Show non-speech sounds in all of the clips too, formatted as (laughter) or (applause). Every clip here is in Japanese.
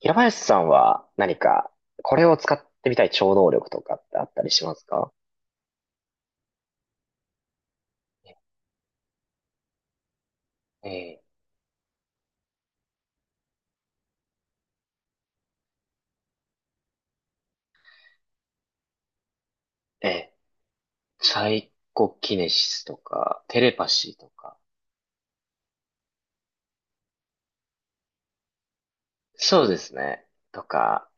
平林さんは何か、これを使ってみたい超能力とかってあったりしますか？えーえサイコキネシスとか、テレパシーとか、そうですね。とか、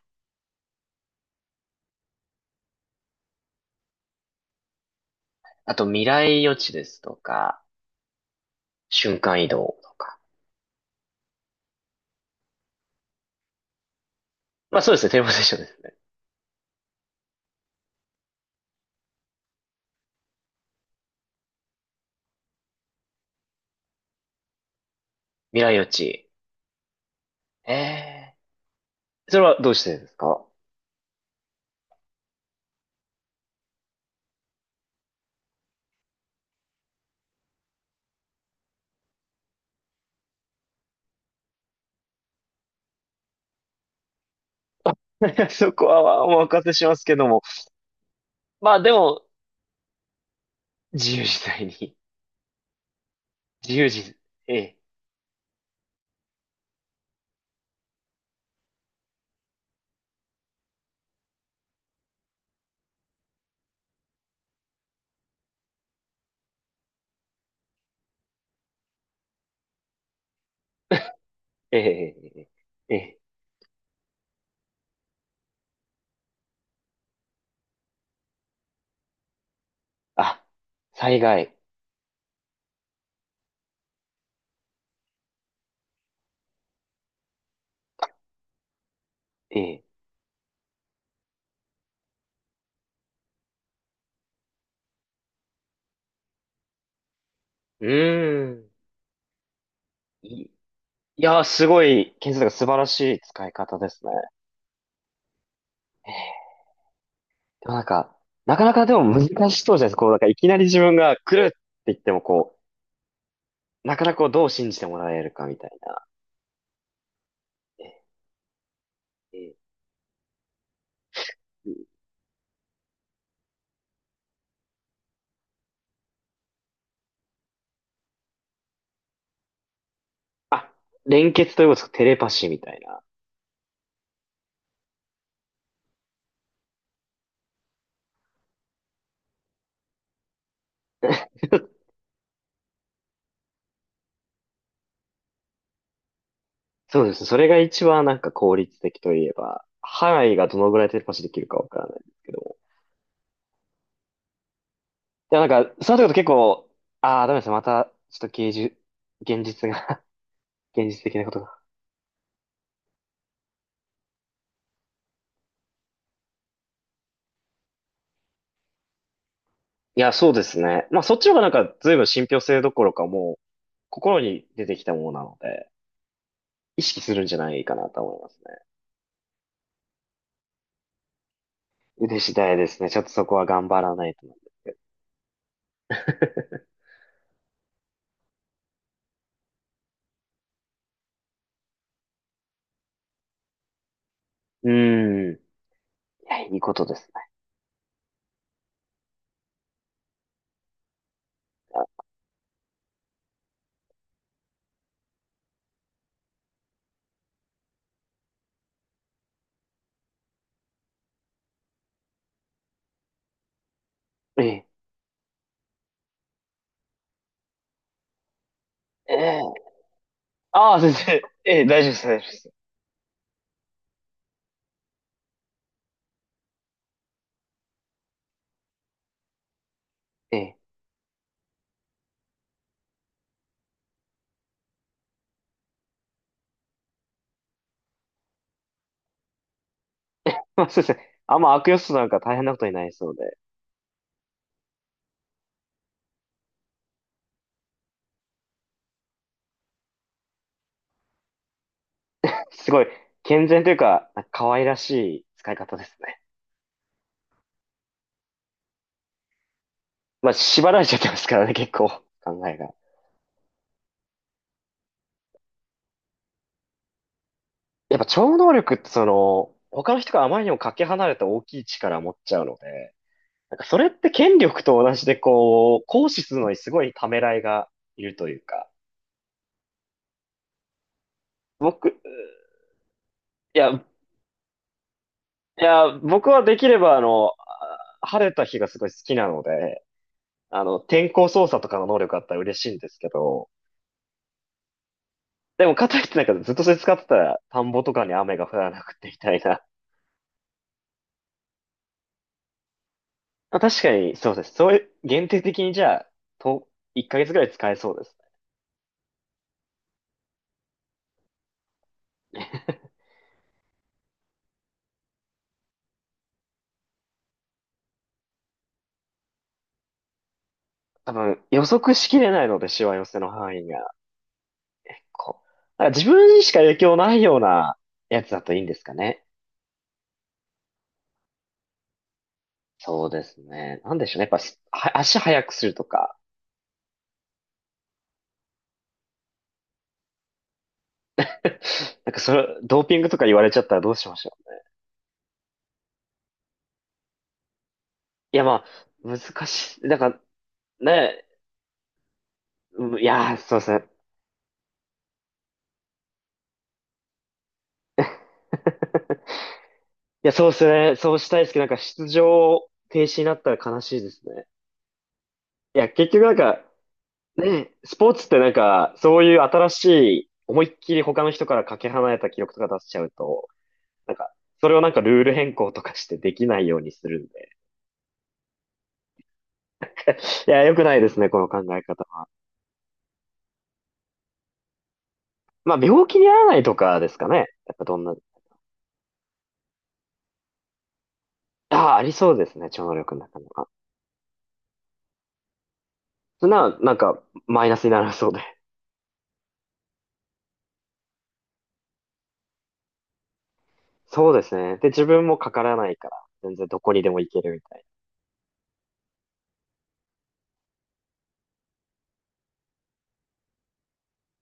あと未来予知ですとか、瞬間移動とか。まあそうですね、テレポーテーションですね。未来予知。ええー、それはどうしてですか？ (laughs) そこはお任せしますけども。まあでも、自由自在に、自由自、ええ、ええ、ええ、ええ、あ、災害。ええ。うーん。い、いやー、すごい、建設が素晴らしい使い方ですね。ええ。でもなんか、なかなかでも難しそうじゃないですか。こう、なんかいきなり自分が来るって言っても、こう、なかなかこうどう信じてもらえるかみたいな。ええ、あ、連結ということですか、テレパシーみたいな？(laughs) そうですね。それが一番なんか効率的といえば、範囲がどのぐらいテレパシーできるかわからないですけど。や、なんか、そのると結構、ああ、ダメですね。また、ちょっと芸術、現実が (laughs) 現実的なことが。いや、そうですね。まあ、そっちの方がなんか、随分信憑性どころか、もう、心に出てきたものなので、意識するんじゃないかなと思いますね。腕次第ですね。ちょっとそこは頑張らないと。(laughs) うーん。いや、いいことですね。ええ、ええ、ああ、先生。ええ、大丈夫です、大丈夫です。ええ。まあ、先生あんま悪用するなんか大変なことになりそうで、すごい、健全というか、なんか可愛らしい使い方ですね。まあ、縛られちゃってますからね、結構、考えが。やっぱ超能力ってその、他の人があまりにもかけ離れた大きい力を持っちゃうので、なんかそれって権力と同じでこう、行使するのにすごいためらいがいるというか、僕、いや、いや、僕はできれば晴れた日がすごい好きなので、天候操作とかの能力あったら嬉しいんですけど、でも、かといってなんかずっとそれ使ってたら、田んぼとかに雨が降らなくてみたいな。まあ、確かに、そうです。そういう、限定的にじゃあ、と、1ヶ月ぐらい使えそうですね。多分、予測しきれないので、しわ寄せの範囲が。結構。だから自分にしか影響ないようなやつだといいんですかね。そうですね。なんでしょうね。やっぱす、は足速くするとか。なんかそれ、ドーピングとか言われちゃったらどうしましょう。いや、まあ、難しい。なんか、ね、うん、いやー、そうですね。(laughs) いや、そうですね。そうしたいですけど、なんか出場停止になったら悲しいですね。いや、結局なんか、ね、スポーツってなんか、そういう新しい、思いっきり他の人からかけ離れた記録とか出しちゃうと、なんか、それをなんかルール変更とかしてできないようにするんで。いや、良くないですね、この考え方は。まあ、病気にならないとかですかね。やっぱどんな、ああ、ありそうですね、超能力の中には。そんな、なんか、マイナスにならそうで。そうですね。で、自分もかからないから、全然どこにでも行けるみたいな。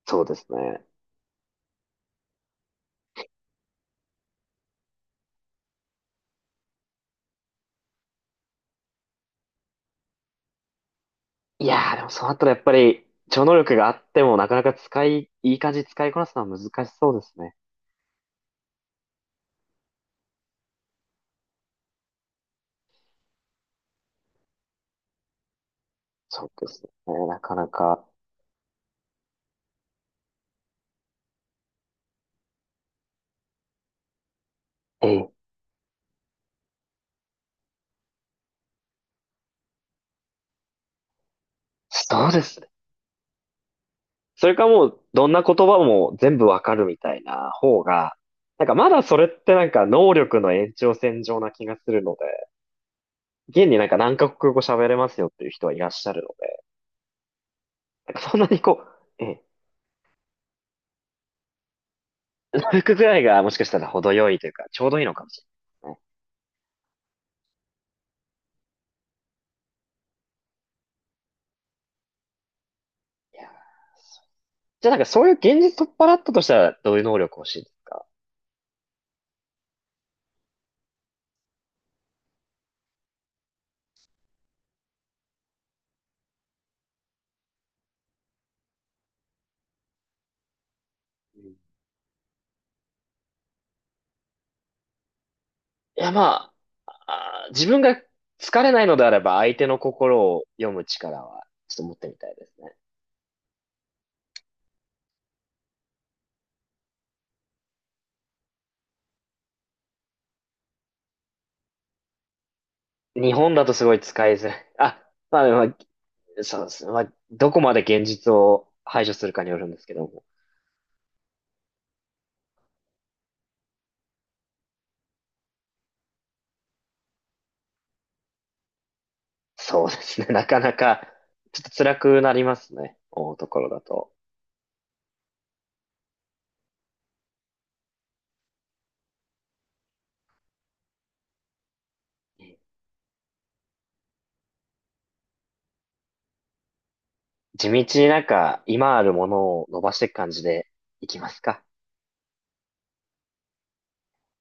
そうですね。いやー、でもそうなったらやっぱり、超能力があってもなかなかいい感じに使いこなすのは難しそうですね。そうですね。なかなか。ええ、そうですね。それかもう、どんな言葉も全部わかるみたいな方が、なんかまだそれってなんか能力の延長線上な気がするので、現になんか何カ国語喋れますよっていう人はいらっしゃるので、なんかそんなにこう、ええ、能力ぐらいがもしかしたら程よいというか、ちょうどいいのかもしれないですね。じゃあなんかそういう現実取っ払ったとしたらどういう能力欲しいですか？うん、いや、まあ、自分が疲れないのであれば相手の心を読む力はちょっと持ってみたいですね。日本だとすごい使いづらい。あ、まあまあそうですね。まあ、どこまで現実を排除するかによるんですけども。そうですね。(laughs) なかなかちょっと辛くなりますね。思うところだと。地道になんか今あるものを伸ばしていく感じでいきますか？